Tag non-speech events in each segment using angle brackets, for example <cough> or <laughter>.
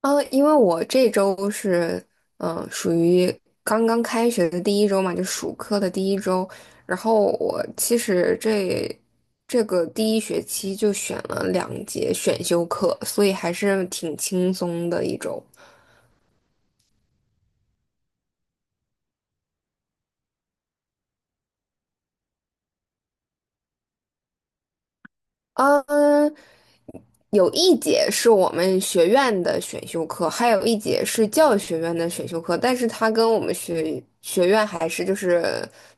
因为我这周是属于刚刚开学的第一周嘛，就暑课的第一周。然后我其实这个第一学期就选了两节选修课，所以还是挺轻松的一周。嗯，有一节是我们学院的选修课，还有一节是教育学院的选修课，但是它跟我们学院还是就是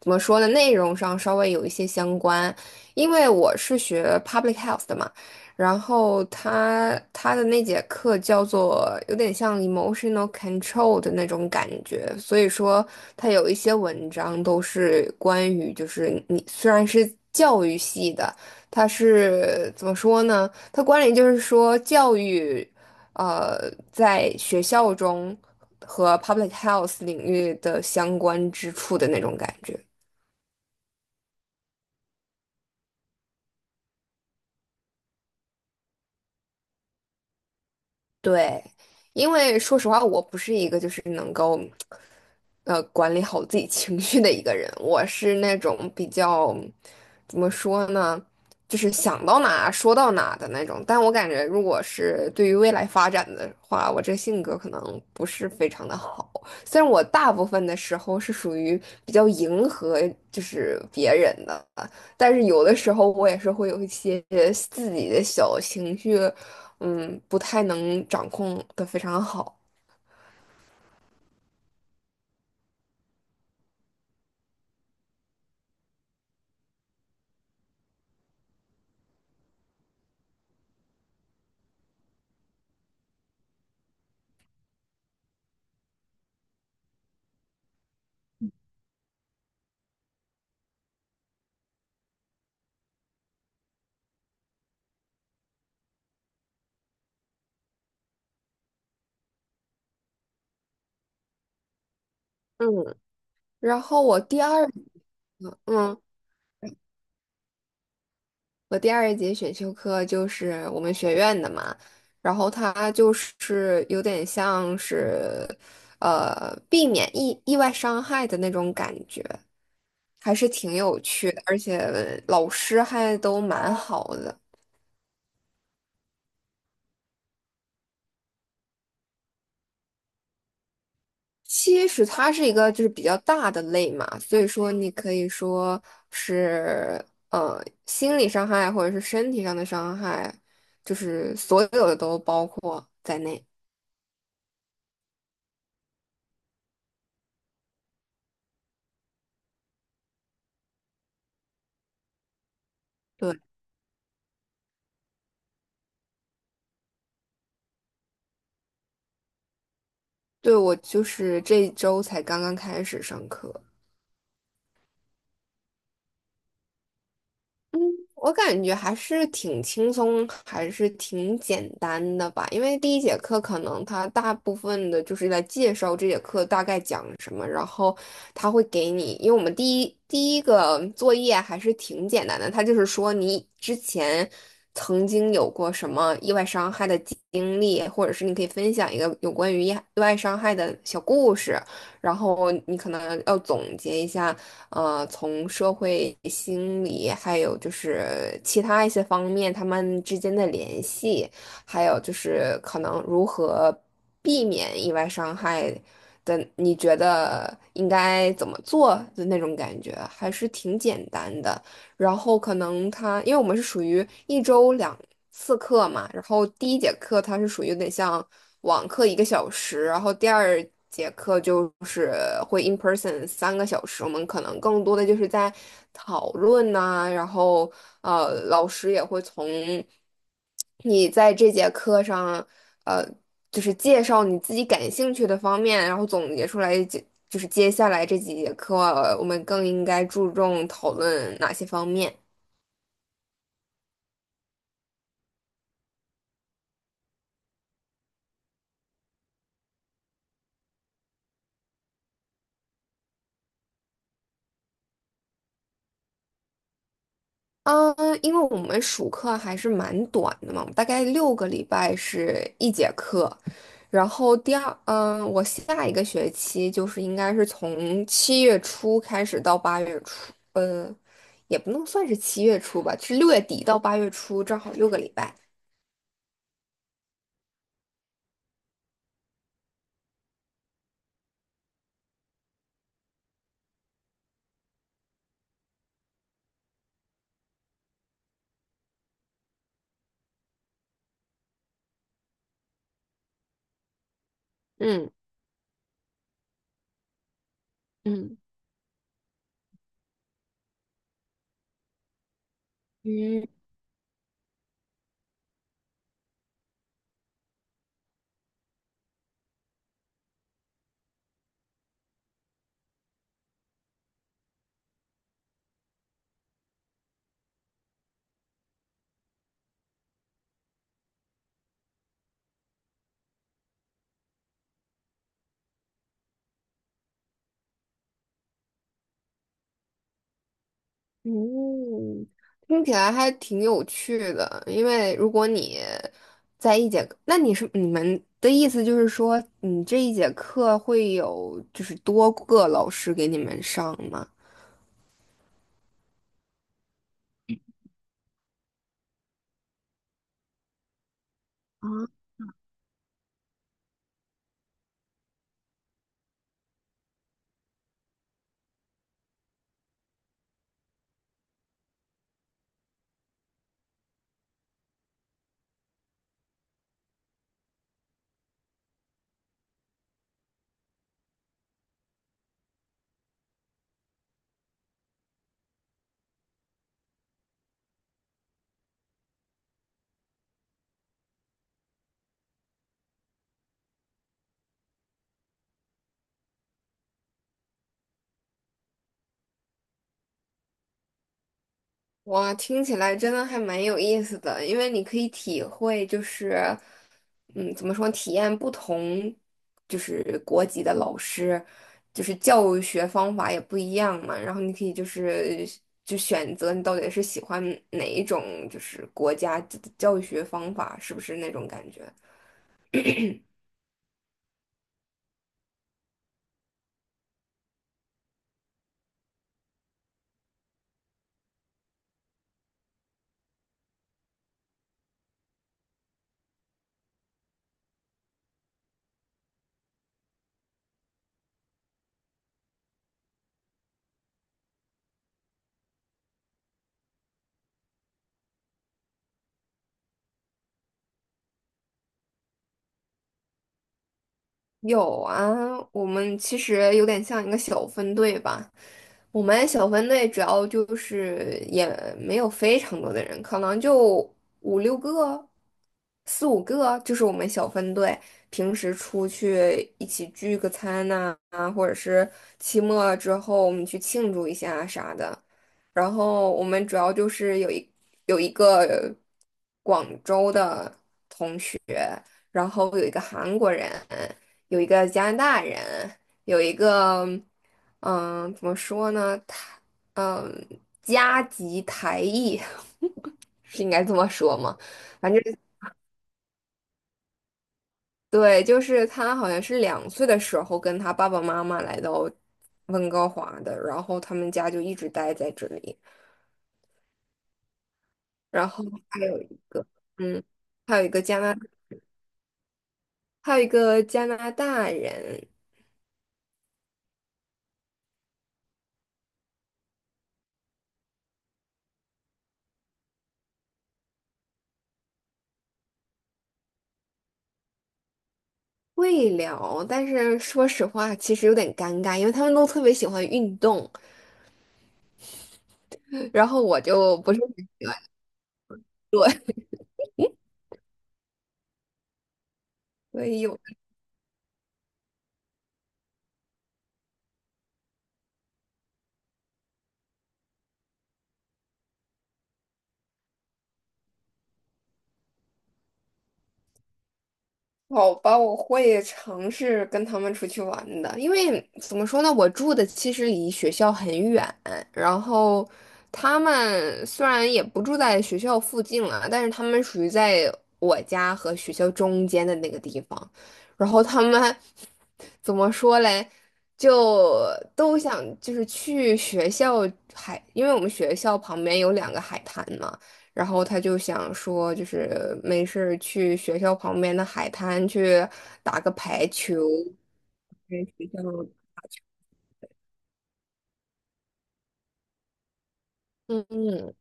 怎么说呢，内容上稍微有一些相关。因为我是学 public health 的嘛，然后它的那节课叫做有点像 emotional control 的那种感觉，所以说它有一些文章都是关于就是你虽然是教育系的，它是怎么说呢？它关联就是说教育，呃，在学校中和 public health 领域的相关之处的那种感觉。对，因为说实话，我不是一个就是能够，管理好自己情绪的一个人。我是那种比较，怎么说呢，就是想到哪说到哪的那种。但我感觉，如果是对于未来发展的话，我这性格可能不是非常的好。虽然我大部分的时候是属于比较迎合就是别人的，但是有的时候我也是会有一些自己的小情绪。不太能掌控的非常好。嗯，然后我课嗯，第二节选修课就是我们学院的嘛，然后它就是有点像是，避免意外伤害的那种感觉，还是挺有趣的，而且老师还都蛮好的。其实它是一个就是比较大的类嘛，所以说你可以说是心理伤害或者是身体上的伤害，就是所有的都包括在内。对，对我就是这一周才刚刚开始上课。嗯，我感觉还是挺轻松，还是挺简单的吧。因为第一节课可能它大部分的就是在介绍这节课大概讲什么，然后他会给你，因为我们第一个作业还是挺简单的，他就是说你之前曾经有过什么意外伤害的经历，或者是你可以分享一个有关于意外伤害的小故事，然后你可能要总结一下。从社会心理，还有就是其他一些方面，他们之间的联系，还有就是可能如何避免意外伤害的，你觉得应该怎么做的那种感觉，还是挺简单的。然后可能他，因为我们是属于一周两次课嘛，然后第一节课它是属于有点像网课1个小时，然后第二节课就是会 in person 3个小时，我们可能更多的就是在讨论呐、然后老师也会从。你在这节课上，呃，就是介绍你自己感兴趣的方面，然后总结出来，就是接下来这几节课，我们更应该注重讨论哪些方面。嗯，因为我们暑课还是蛮短的嘛，大概六个礼拜是一节课，然后第二，嗯，我下一个学期就是应该是从七月初开始到八月初，也不能算是七月初吧，是6月底到八月初，正好六个礼拜。嗯嗯嗯嗯，听起来还挺有趣的。因为如果你在一节课，那你是你们的意思就是说，你这一节课会有就是多个老师给你们上吗？哇，听起来真的还蛮有意思的，因为你可以体会，就是，怎么说，体验不同，就是国籍的老师，就是教学方法也不一样嘛。然后你可以就是就选择你到底是喜欢哪一种，就是国家的教学方法，是不是那种感觉？有啊，我们其实有点像一个小分队吧。我们小分队主要就是也没有非常多的人，可能就五六个、四五个，就是我们小分队平时出去一起聚个餐呐、啊，或者是期末之后我们去庆祝一下啥的。然后我们主要就是有一个广州的。然后有一个韩国人，有一个加拿大人，有一个，怎么说呢？他，嗯，加籍台裔 <laughs> 是应该这么说吗？反正对，就是他好像是2岁的时候跟他爸爸妈妈来到温哥华的，然后他们家就一直待在这里。然后还有一个，嗯，还有一个加拿，还有一个加拿大人，会聊，但是说实话，其实有点尴尬，因为他们都特别喜欢运动，然后我就不是很 <laughs> 对，所以有好吧，我会尝试跟他们出去玩的，因为怎么说呢，我住的其实离学校很远，然后他们虽然也不住在学校附近了，但是他们属于在我家和学校中间的那个地方，然后他们怎么说嘞，就都想就是去学校海，因为我们学校旁边有两个海滩嘛。然后他就想说，就是没事儿去学校旁边的海滩去打个排球，在学校，嗯嗯，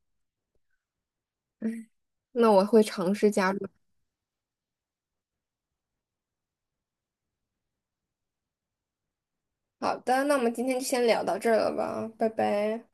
那我会尝试加入。好的，那我们今天就先聊到这儿了吧，拜拜。